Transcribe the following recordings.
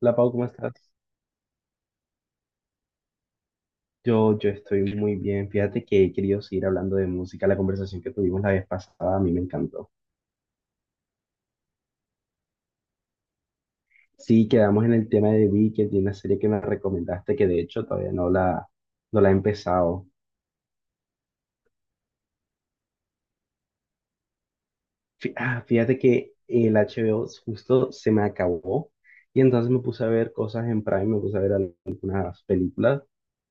Hola Pau, ¿cómo estás? Yo estoy muy bien. Fíjate que he querido seguir hablando de música. La conversación que tuvimos la vez pasada a mí me encantó. Sí, quedamos en el tema de Wicked y una serie que me recomendaste que de hecho todavía no la, no la he empezado. Fíjate que el HBO justo se me acabó y entonces me puse a ver cosas en Prime, me puse a ver algunas películas,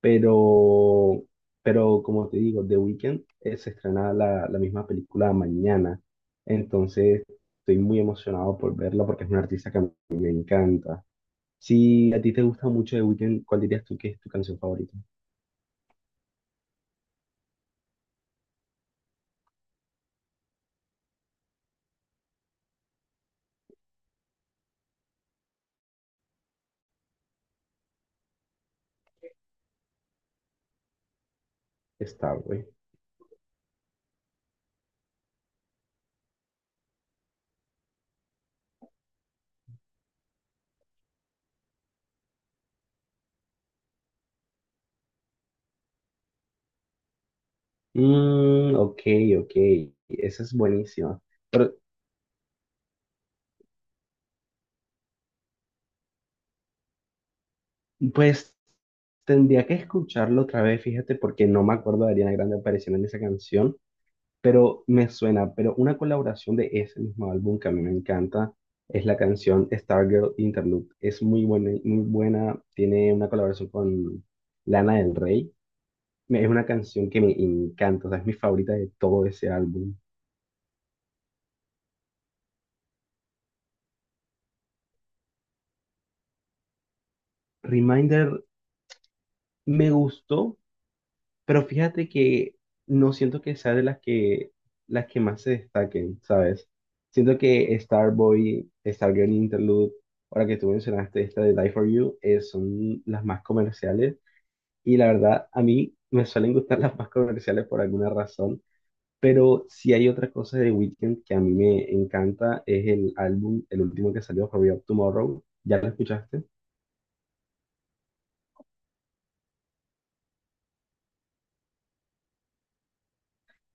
pero, pero como te digo, The Weeknd se estrena la misma película mañana, entonces estoy muy emocionado por verla porque es un artista que a mí me encanta. Si a ti te gusta mucho The Weeknd, ¿cuál dirías tú que es tu canción favorita? Star, güey. Mm, ok, ok, eso es buenísimo. Pero, pues tendría que escucharlo otra vez, fíjate, porque no me acuerdo de Ariana Grande apareciendo en esa canción, pero me suena, pero una colaboración de ese mismo álbum que a mí me encanta es la canción Stargirl Interlude. Es muy buena, tiene una colaboración con Lana del Rey. Es una canción que me encanta, o sea, es mi favorita de todo ese álbum. Reminder me gustó, pero fíjate que no siento que sea de las que más se destaquen, ¿sabes? Siento que Starboy, Stargirl Interlude, ahora que tú mencionaste esta de Die For You, son las más comerciales. Y la verdad, a mí me suelen gustar las más comerciales por alguna razón. Pero si hay otra cosa de Weeknd que a mí me encanta, es el álbum, el último que salió, For Up Tomorrow. ¿Ya lo escuchaste?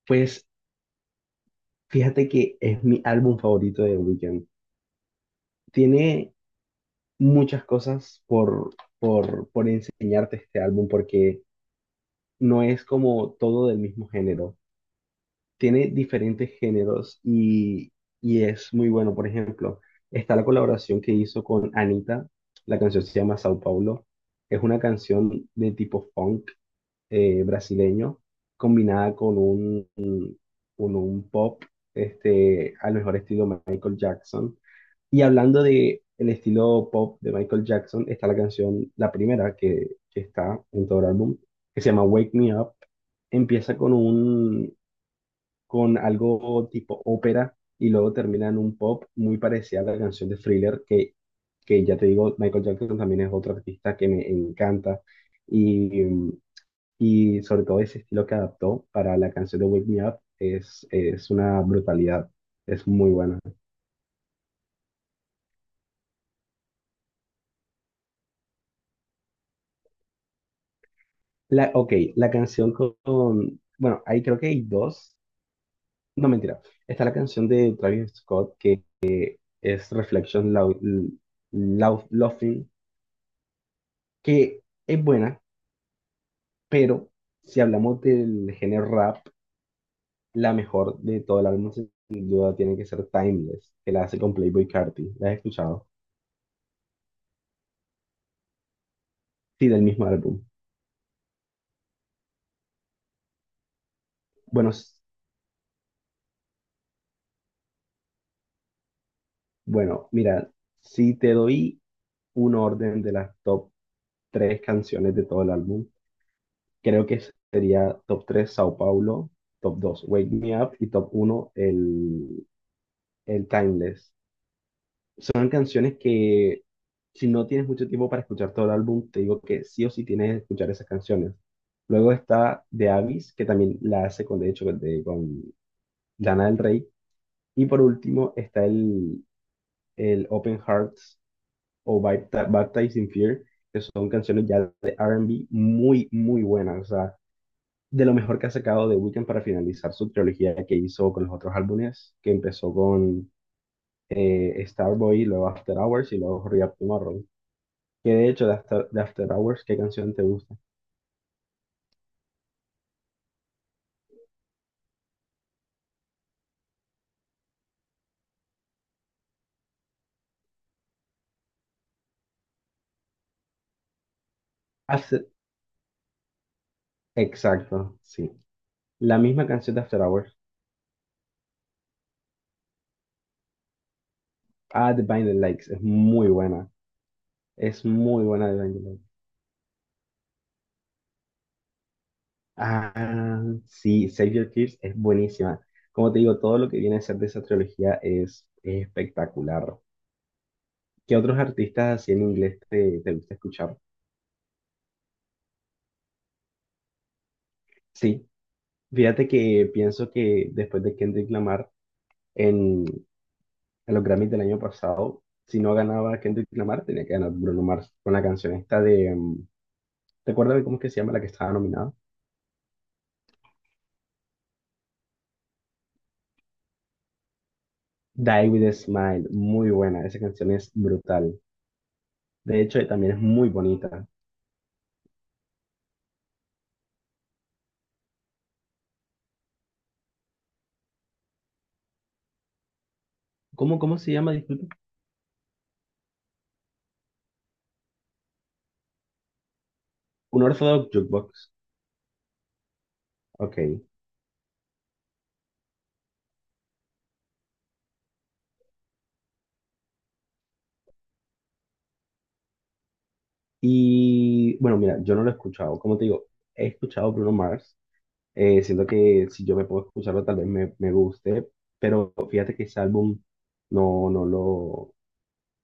Pues fíjate que es mi álbum favorito de Weeknd. Tiene muchas cosas por enseñarte este álbum porque no es como todo del mismo género. Tiene diferentes géneros, y es muy bueno. Por ejemplo, está la colaboración que hizo con Anita. La canción se llama Sao Paulo. Es una canción de tipo funk brasileño combinada con con un pop, este, al mejor estilo Michael Jackson. Y hablando de el estilo pop de Michael Jackson, está la canción, la primera que está en todo el álbum, que se llama Wake Me Up. Empieza con algo tipo ópera y luego termina en un pop muy parecida a la canción de Thriller, que ya te digo, Michael Jackson también es otro artista que me encanta. Y, y sobre todo ese estilo que adaptó para la canción de Wake Me Up es una brutalidad, es muy buena. La, ok, la canción con, Bueno, ahí creo que hay dos. No, mentira. Está la canción de Travis Scott que es Reflection Laughing, que es buena, pero si hablamos del género rap, la mejor de todo el álbum sin duda tiene que ser Timeless, que la hace con Playboi Carti. ¿La has escuchado? Sí, del mismo álbum. Bueno, s- bueno, mira, si te doy un orden de las top tres canciones de todo el álbum, creo que sería top 3 Sao Paulo, top 2 Wake Me Up y top uno el Timeless. Son canciones que si no tienes mucho tiempo para escuchar todo el álbum, te digo que sí o sí tienes que escuchar esas canciones. Luego está The Abyss, que también la hace con, de hecho, con Lana del Rey. Y por último está el Open Hearts o Baptized in Fear, que son canciones ya de R&B muy buenas. O sea, de lo mejor que ha sacado The Weeknd para finalizar su trilogía que hizo con los otros álbumes, que empezó con Starboy, luego After Hours y luego Hurry Up Tomorrow. Que de hecho, de After Hours, ¿qué canción te gusta? After- exacto, sí. La misma canción de After Hours. Ah, The Blinding Lights, es muy buena. Es muy buena The Blinding Lights. Ah, sí, Save Your Tears es buenísima. Como te digo, todo lo que viene a ser de esa trilogía es espectacular. ¿Qué otros artistas así en inglés te gusta escuchar? Sí, fíjate que pienso que después de Kendrick Lamar en los Grammys del año pasado, si no ganaba Kendrick Lamar, tenía que ganar Bruno Mars con la canción esta de, ¿te acuerdas de cómo es que se llama la que estaba nominada? Die With a Smile, muy buena, esa canción es brutal. De hecho, también es muy bonita. ¿Cómo, cómo se llama? Disculpe. Un Orthodox Jukebox. Ok. Y bueno, mira, yo no lo he escuchado. Como te digo, he escuchado Bruno Mars. Siento que si yo me puedo escucharlo, tal vez me guste, pero fíjate que ese álbum no, no lo,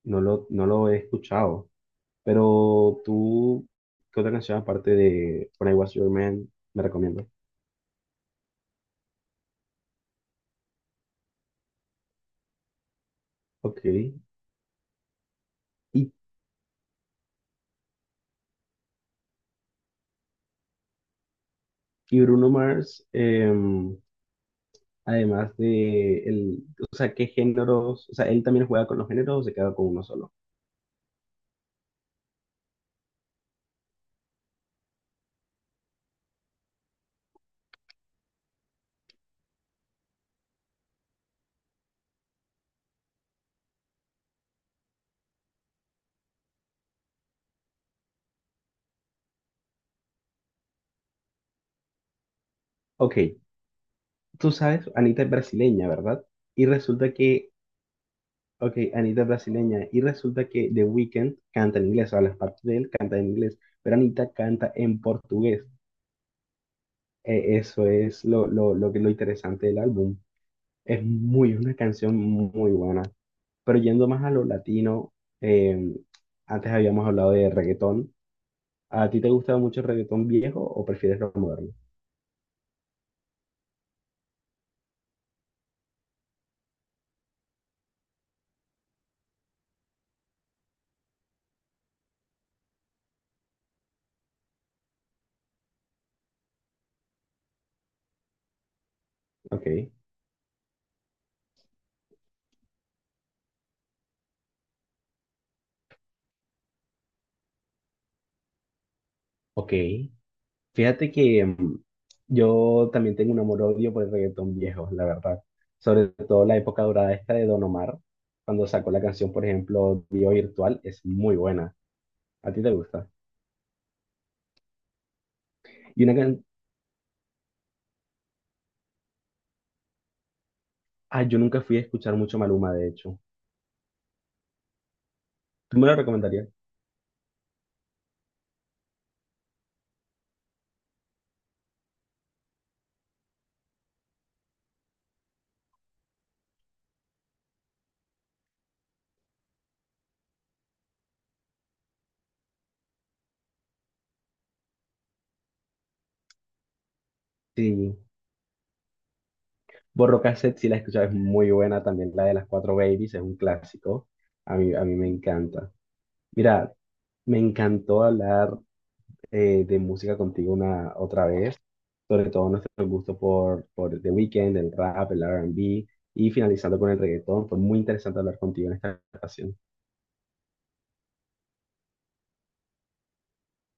no lo he escuchado. Pero tú, ¿qué otra canción aparte de When I Was Your Man me recomiendas? Ok. Y Bruno Mars, además de o sea, ¿qué géneros? O sea, ¿él también juega con los géneros o se queda con uno solo? Ok, tú sabes, Anita es brasileña, ¿verdad? Y resulta que Ok, Anita es brasileña. Y resulta que The Weeknd canta en inglés, o sea, las partes de él canta en inglés, pero Anita canta en portugués. Eso es lo interesante del álbum. Es muy, una canción muy buena. Pero yendo más a lo latino, eh, antes habíamos hablado de reggaetón. ¿A ti te gusta mucho el reggaetón viejo o prefieres lo moderno? Ok, ok. Fíjate que mm, yo también tengo un amor-odio por el reggaetón viejo, la verdad. Sobre todo la época dorada esta de Don Omar, cuando sacó la canción, por ejemplo, Dio Virtual, es muy buena. ¿A ti te gusta? Y una can... Ah, yo nunca fui a escuchar mucho Maluma, de hecho. ¿Tú me lo recomendarías? Sí. Borro Cassette, si la escuchas, es muy buena. También la de las cuatro babies, es un clásico. A mí me encanta. Mira, me encantó hablar de música contigo una otra vez, sobre todo nuestro gusto por The Weeknd, el rap, el R&B y finalizando con el reggaetón. Fue muy interesante hablar contigo en esta ocasión.